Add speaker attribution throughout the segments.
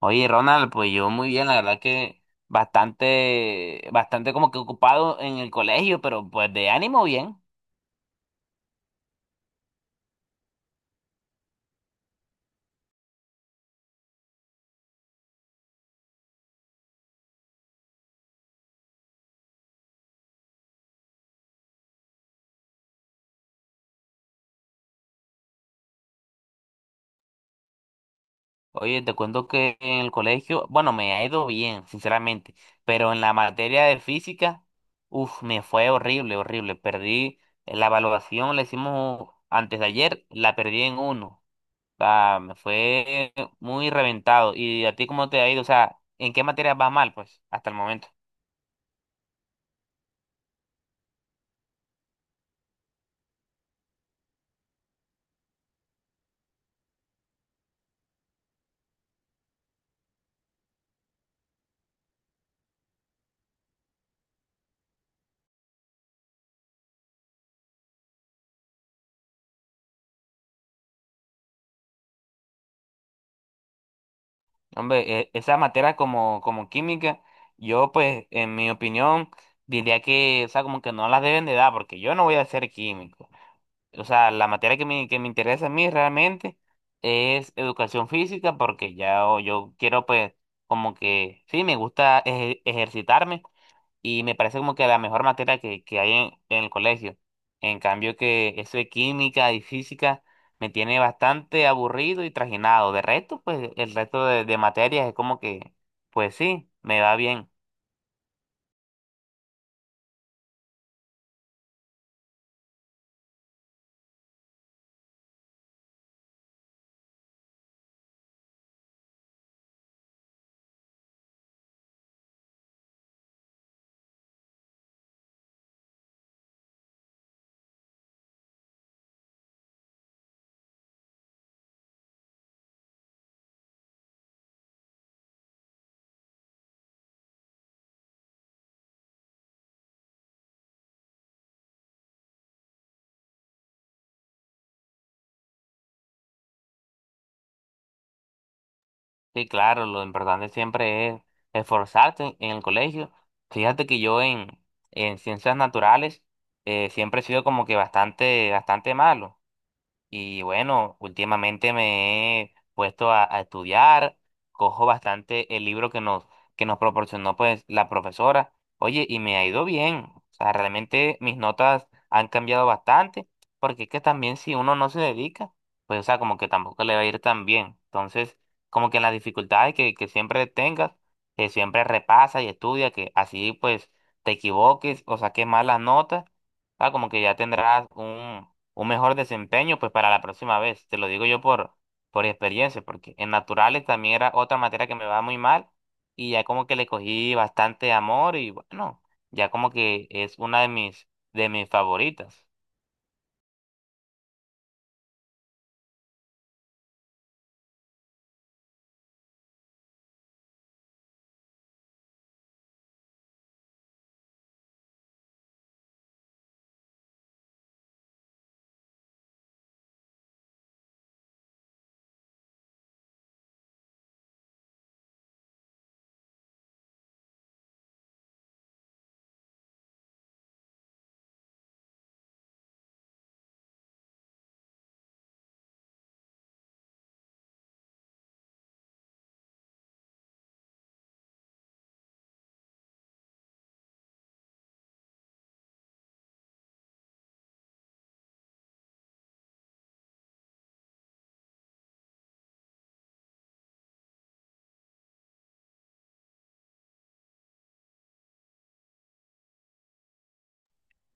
Speaker 1: Oye, Ronald, pues yo muy bien, la verdad que bastante, bastante como que ocupado en el colegio, pero pues de ánimo bien. Oye, te cuento que en el colegio, bueno, me ha ido bien, sinceramente, pero en la materia de física, uff, me fue horrible, horrible. Perdí la evaluación, la hicimos antes de ayer, la perdí en uno. O sea, me fue muy reventado. ¿Y a ti cómo te ha ido? O sea, ¿en qué materia vas mal, pues, hasta el momento? Hombre, esa materia como química, yo pues en mi opinión diría que, o sea, como que no las deben de dar porque yo no voy a ser químico. O sea, la materia que me interesa a mí realmente es educación física porque ya yo quiero pues como que, sí, me gusta ejercitarme, y me parece como que la mejor materia que hay en el colegio. En cambio que eso de química y física me tiene bastante aburrido y trajinado. De resto, pues el resto de materias es como que, pues sí, me va bien. Sí, claro, lo importante siempre es esforzarse en, el colegio. Fíjate que yo en ciencias naturales siempre he sido como que bastante, bastante malo. Y bueno, últimamente me he puesto a estudiar, cojo bastante el libro que nos proporcionó pues la profesora. Oye, y me ha ido bien. O sea, realmente mis notas han cambiado bastante, porque es que también si uno no se dedica, pues o sea, como que tampoco le va a ir tan bien. Entonces, como que en las dificultades que siempre tengas, que siempre repasa y estudia, que así pues te equivoques o saques malas notas, o sea, como que ya tendrás un mejor desempeño pues para la próxima vez. Te lo digo yo por experiencia, porque en naturales también era otra materia que me va muy mal y ya como que le cogí bastante amor y bueno, ya como que es una de mis favoritas.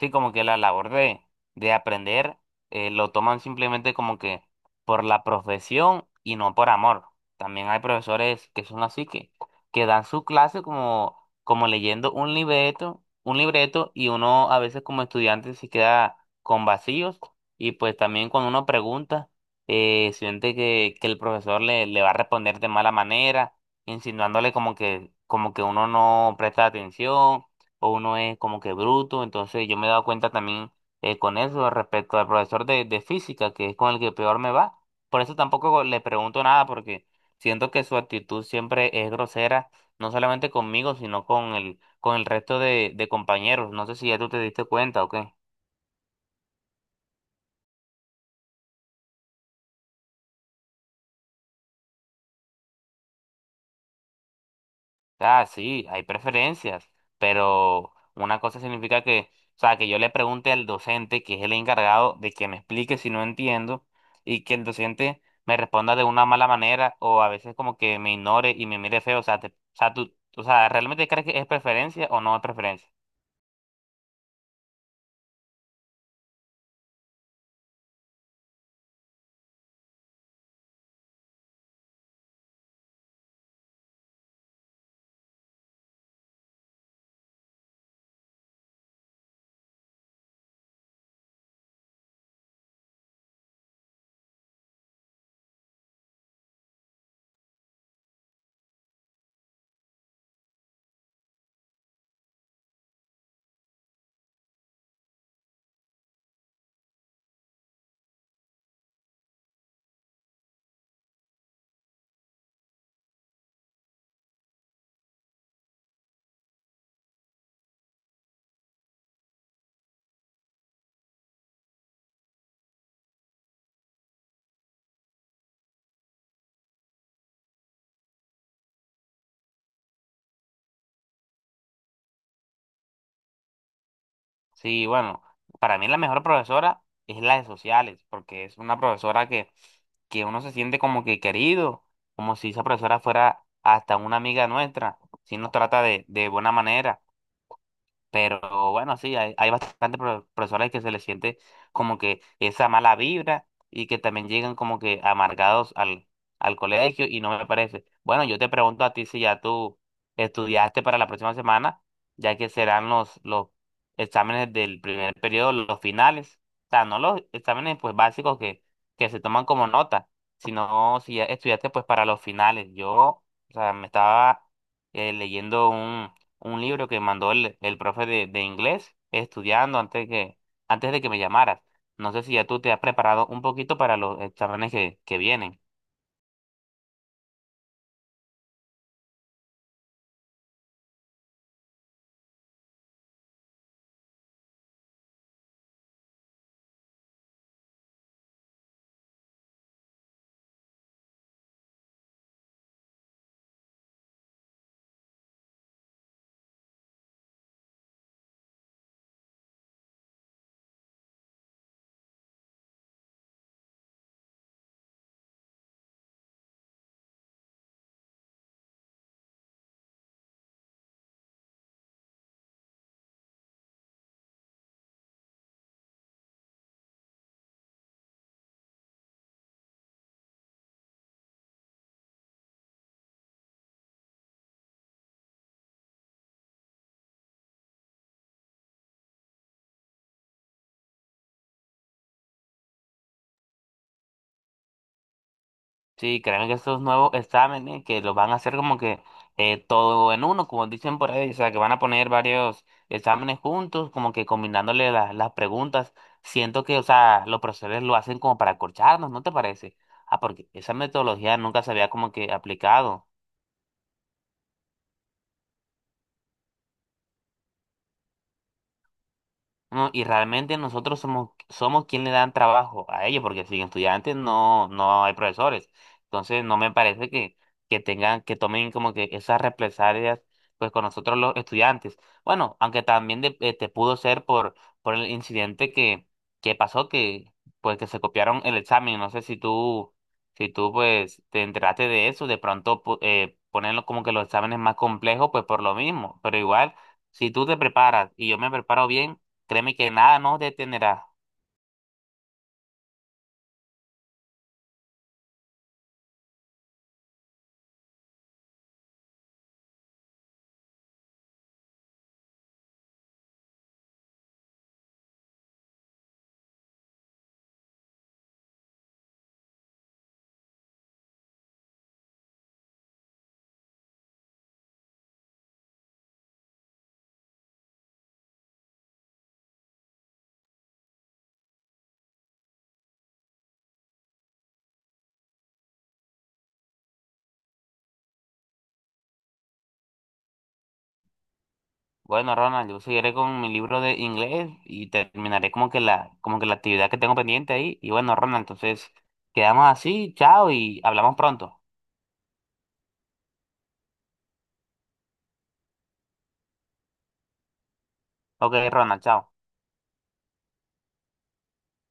Speaker 1: Sí, como que la labor de aprender lo toman simplemente como que por la profesión y no por amor. También hay profesores que son así que dan su clase como leyendo un libreto y uno a veces como estudiante se queda con vacíos y pues también cuando uno pregunta siente que el profesor le va a responder de mala manera, insinuándole como que uno no presta atención o uno es como que bruto. Entonces yo me he dado cuenta también con eso respecto al profesor de física, que es con el que peor me va. Por eso tampoco le pregunto nada, porque siento que su actitud siempre es grosera, no solamente conmigo, sino con el resto de compañeros. No sé si ya tú te diste cuenta o qué. Ah, sí, hay preferencias, pero una cosa significa que, o sea, que yo le pregunte al docente, que es el encargado, de que me explique si no entiendo, y que el docente me responda de una mala manera, o a veces como que me ignore y me mire feo, o sea, o sea, tú, o sea, ¿realmente crees que es preferencia o no es preferencia? Sí, bueno, para mí la mejor profesora es la de sociales, porque es una profesora que uno se siente como que querido, como si esa profesora fuera hasta una amiga nuestra, si nos trata de buena manera. Pero bueno, sí, hay bastantes profesores que se les siente como que esa mala vibra y que también llegan como que amargados al colegio y no me parece. Bueno, yo te pregunto a ti si ya tú estudiaste para la próxima semana, ya que serán los, exámenes del primer periodo, los finales. O sea, no los exámenes pues básicos que se toman como nota, sino si ya estudiaste pues para los finales. Yo, o sea, me estaba leyendo un libro que mandó el profe de inglés estudiando antes de que me llamaras. No sé si ya tú te has preparado un poquito para los exámenes que vienen. Sí, créeme que estos nuevos exámenes que los van a hacer como que todo en uno, como dicen por ahí, o sea, que van a poner varios exámenes juntos, como que combinándole las preguntas. Siento que, o sea, los profesores lo hacen como para acorcharnos, ¿no te parece? Ah, porque esa metodología nunca se había como que aplicado. No, y realmente nosotros somos quien le dan trabajo a ellos, porque sin estudiantes no hay profesores. Entonces no me parece que que tomen como que esas represalias pues con nosotros los estudiantes. Bueno, aunque también te pudo ser por el incidente que pasó, que pues que se copiaron el examen. No sé si tú pues te enteraste de eso, de pronto ponerlo como que los exámenes más complejos, pues por lo mismo. Pero igual, si tú te preparas y yo me preparo bien. Créeme que nada nos detendrá. Bueno, Ronald, yo seguiré con mi libro de inglés y terminaré como que como que la actividad que tengo pendiente ahí. Y bueno, Ronald, entonces quedamos así, chao y hablamos pronto. Ok, Ronald, chao.